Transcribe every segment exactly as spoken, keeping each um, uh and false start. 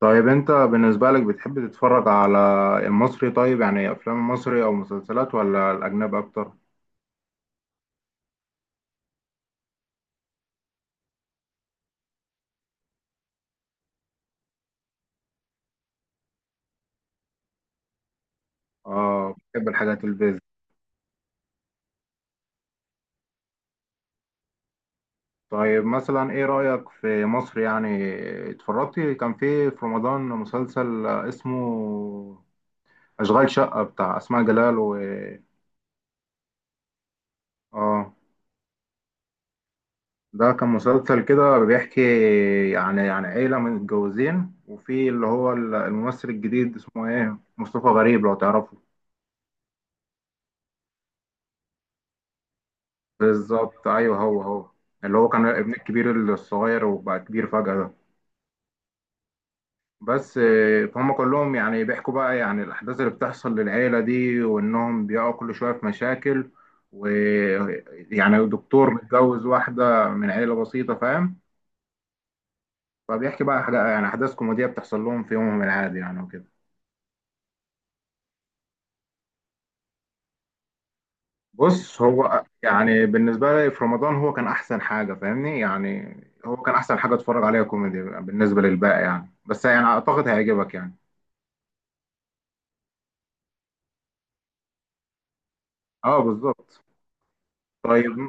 طيب انت بالنسبة لك بتحب تتفرج على المصري، طيب يعني افلام مصري او مسلسلات ولا الاجنبي اكتر؟ اه، بتحب الحاجات البيزك. طيب مثلا ايه رأيك في مصر يعني؟ اتفرجت كان في في رمضان مسلسل اسمه اشغال شقة بتاع اسماء جلال و اه ده كان مسلسل كده بيحكي يعني عن عيلة متجوزين، وفي اللي هو الممثل الجديد اسمه ايه، مصطفى غريب لو تعرفه؟ بالظبط ايوه هو هو، اللي هو كان ابن الكبير الصغير وبقى كبير فجأة ده. بس آه، فهم كلهم يعني بيحكوا بقى يعني الأحداث اللي بتحصل للعيلة دي، وإنهم بيقعوا كل شوية في مشاكل، ويعني دكتور متجوز واحدة من عيلة بسيطة، فاهم. فبيحكي بقى حاجة يعني أحداث كوميدية بتحصل لهم في يومهم العادي يعني وكده. بص هو يعني بالنسبة لي في رمضان هو كان أحسن حاجة، فاهمني يعني. هو كان أحسن حاجة أتفرج عليها كوميدي بالنسبة للباقي يعني، بس يعني أعتقد هيعجبك يعني. اه بالظبط. طيب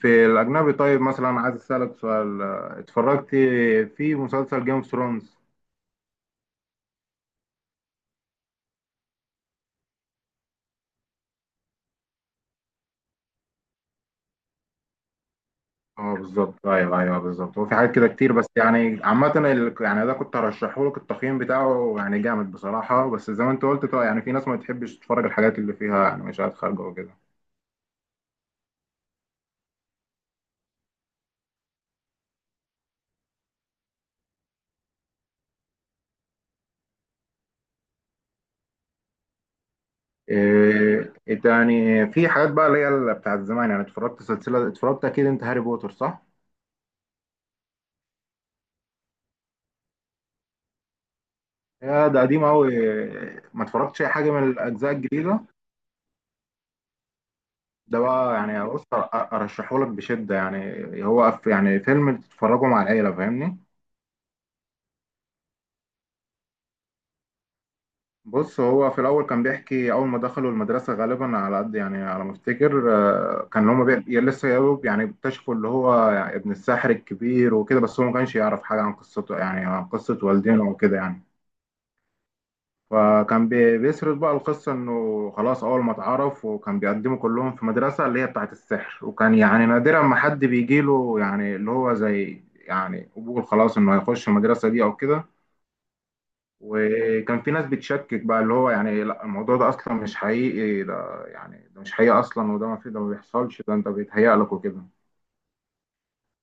في الأجنبي، طيب مثلا عايز أسألك سؤال، آه، اتفرجت في مسلسل جيم اوف ثرونز؟ اه بالظبط، ايوه ايوه بالظبط. هو في حاجات كده كتير، بس يعني عامة ال- يعني ده كنت هرشحه لك، التقييم بتاعه يعني جامد بصراحة، بس زي ما انت قلت طبعا يعني في ناس ما بتحبش تتفرج الحاجات اللي فيها يعني مشاهد خارجة وكده. إيه إيه تاني في حاجات بقى اللي هي ال- بتاعت زمان، يعني اتفرجت سلسلة، اتفرجت أكيد أنت هاري بوتر صح؟ يا ده قديم أوي، ما اتفرجتش أي حاجة من الأجزاء الجديدة. ده بقى يعني بص، ارشحه لك بشده يعني، هو أف- يعني فيلم تتفرجوا مع العيله فاهمني. بص هو في الاول كان بيحكي اول ما دخلوا المدرسه غالبا على قد يعني على ما افتكر، آه، كان هما بي- يا لسه يا دوب يعني اكتشفوا اللي هو يعني ابن الساحر الكبير وكده، بس هو ما كانش يعرف حاجه عن قصته يعني عن قصه والدينه وكده يعني. فكان بي- بيسرد بقى القصة إنه خلاص أول ما اتعرف، وكان بيقدموا كلهم في مدرسة اللي هي بتاعة السحر، وكان يعني نادرا ما حد بيجيله يعني اللي هو زي يعني قبول خلاص إنه هيخش المدرسة دي أو كده. وكان في ناس بتشكك بقى اللي هو يعني لا الموضوع ده أصلا مش حقيقي، ده يعني ده مش حقيقي أصلا، وده ما في، ده ما بيحصلش، ده أنت بيتهيأ لك وكده.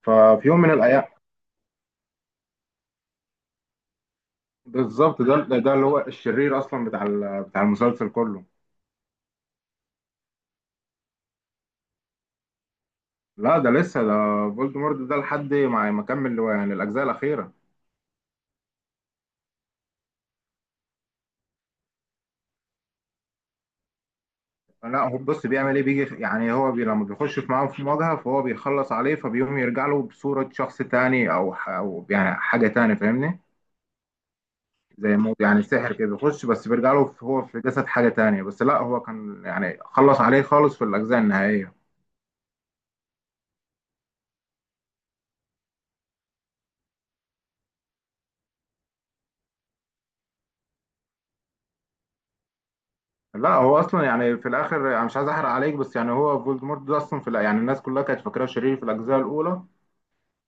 ففي يوم من الأيام بالظبط، ده ده اللي هو الشرير أصلا بتاع ال- بتاع المسلسل كله. لا ده لسه، ده فولدمورت ده لحد ما ما كمل يعني الاجزاء الاخيره. لا هو بص بيعمل ايه، بيجي يعني هو بي لما بيخش في معاهم في مواجهه، فهو بيخلص عليه، فبيقوم يرجع له بصوره شخص تاني او ح- او يعني حاجه تاني فاهمني. زي مو يعني سحر كده بيخش، بس بيرجع له في- هو في جسد حاجه تانية، بس لا هو كان يعني خلص عليه خالص في الاجزاء النهائيه. لا هو اصلا يعني في الاخر انا مش عايز احرق عليك، بس يعني هو فولدمورت ده اصلا في الأ- يعني الناس كلها كانت فاكراه شرير في الاجزاء الاولى.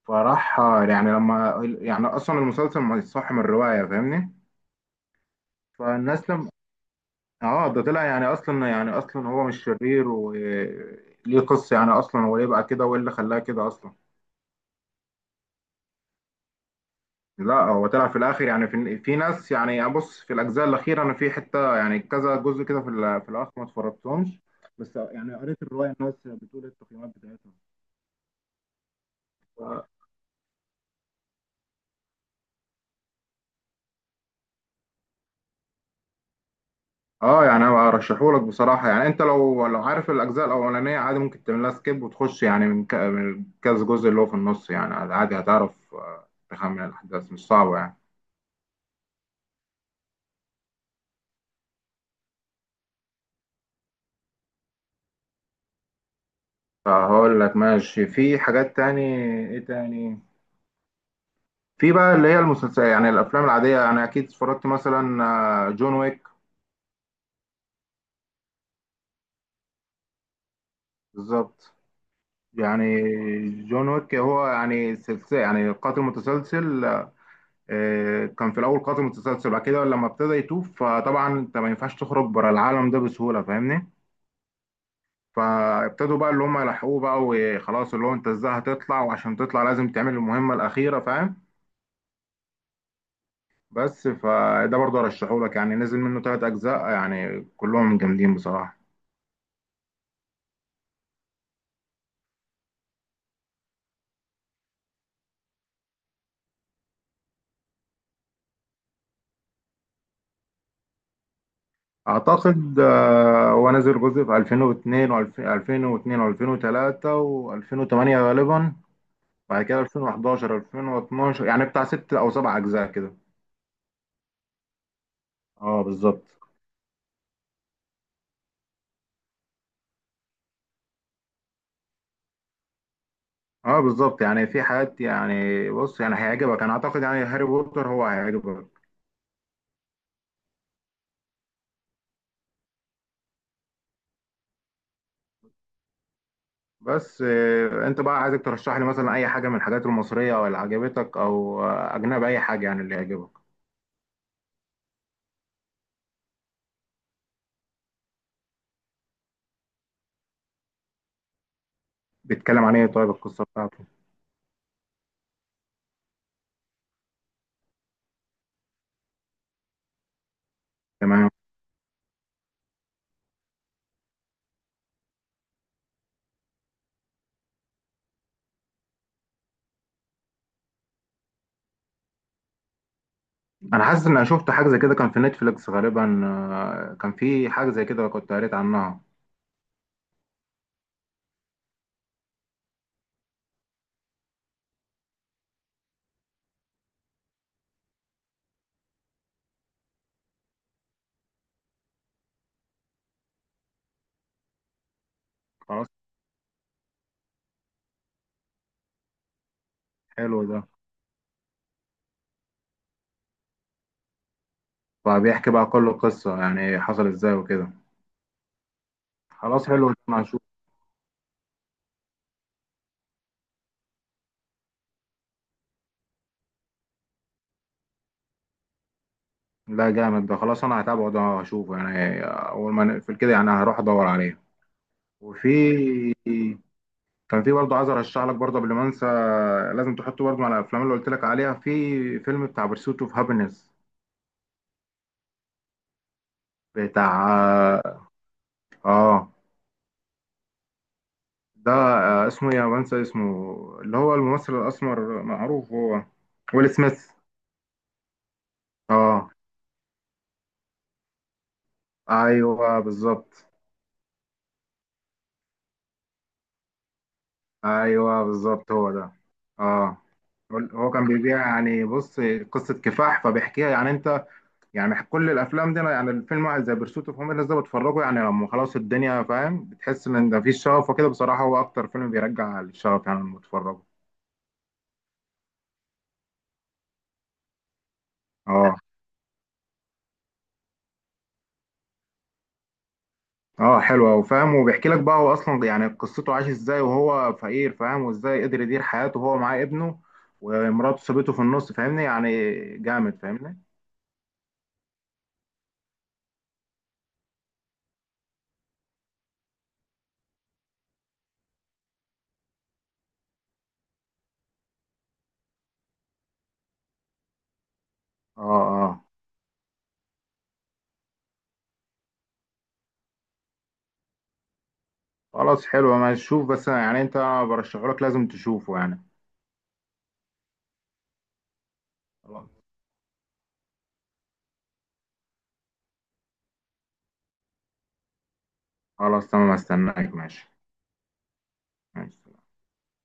فراح يعني لما يعني اصلا المسلسل مصح من الروايه فاهمني. فالناس لما اه ده طلع يعني اصلا يعني اصلا هو مش شرير وليه قصه، يعني اصلا هو ليه بقى كده وايه اللي خلاه كده اصلا. لا هو طلع في الاخر، يعني في في ناس يعني يعني بص في الاجزاء الاخيره انا في حته يعني كذا جزء كده في ال- في الاخر ما اتفرجتهمش، بس يعني قريت الروايه الناس بتقول إيه التقييمات بتاعتها. اه، يعني انا ارشحهولك بصراحه يعني. انت لو لو عارف الاجزاء الاولانيه عادي ممكن تعمل لها سكيب، وتخش يعني من ك- من كذا جزء اللي هو في النص يعني، عادي هتعرف، آه، تخمن الاحداث مش صعبه يعني. فهقول لك ماشي، في حاجات تاني. ايه تاني؟ في بقى اللي هي المسلسلات يعني الافلام العاديه يعني، اكيد اتفرجت مثلا آه، جون ويك. بالظبط. يعني جون ويك هو يعني سلسله، يعني قاتل متسلسل. آه، كان في الاول قاتل متسلسل، بعد كده لما ابتدى يتوب فطبعا انت ما ينفعش تخرج بره العالم ده بسهوله فاهمني. فابتدوا بقى اللي هم يلحقوه بقى وخلاص، اللي هو انت ازاي هتطلع؟ وعشان تطلع لازم تعمل المهمه الاخيره فاهم. بس فده برضه ارشحه لك يعني، نزل منه ثلاث اجزاء يعني كلهم جامدين بصراحه. اعتقد آه، هو نزل جزء في ألفين واثنين و2002 و2003 و2008 غالبا، بعد كده ألفين وحداشر ألفين واتناشر، يعني بتاع ست او سبع اجزاء كده. اه بالظبط. اه بالظبط، يعني في حاجات يعني بص يعني هيعجبك انا اعتقد يعني، هاري بوتر هو هيعجبك. بس آه، انت بقى، عايزك ترشح لي مثلا اي حاجه من الحاجات المصريه او اللي عجبتك، او آه، اجنبي اي حاجه يعني اللي يعجبك. بيتكلم عن ايه طيب، القصه بتاعته؟ تمام. انا حاسس ان انا شفت حاجه زي كده كان في نتفليكس غالبا، آه، كان في حاجه زي كده كنت قريت عنها. خلاص حلو ده. فبيحكي بقى كل القصه يعني حصل ازاي وكده. خلاص حلو ده انا هشوف. لا جامد ده، خلاص انا هتابعه، ده هشوفه يعني اول ما نقفل كده يعني هروح ادور عليه. وفي، كان في برضه عايز ارشح لك برضه قبل ما انسى، لازم تحطه برضه على الافلام اللي قلت لك عليها، في فيلم بتاع برسوت اوف هابينس. بتاع اه ده آه، اسمه إيه؟ انا بنسى اسمه. اللي هو الممثل الاسمر معروف هو، ويل سميث. اه ايوه بالظبط، ايوه بالظبط هو ده. اه، هو كان بيبيع، يعني بص قصه كفاح فبيحكيها يعني. انت يعني كل الافلام دي أنا يعني الفيلم واحد زي برسوت اوف هوميلنس ده بتفرجه يعني لما خلاص الدنيا، فاهم، بتحس ان ده فيه شغف وكده بصراحه، هو اكتر فيلم بيرجع الشغف يعني لما بتفرجه. اه اه، حلو أوي، فاهم. وبيحكي لك بقى هو اصلا يعني قصته عاش ازاي وهو فقير، فاهم، وازاي قدر يدير حياته وهو معاه ابنه، ومراته سابته في النص فاهمني يعني، جامد فاهمني. اه اه، خلاص حلو ماشي، شوف بس يعني انت، برشحه لك لازم تشوفه يعني. خلاص. خلاص تمام، استناك ماشي. ماشي.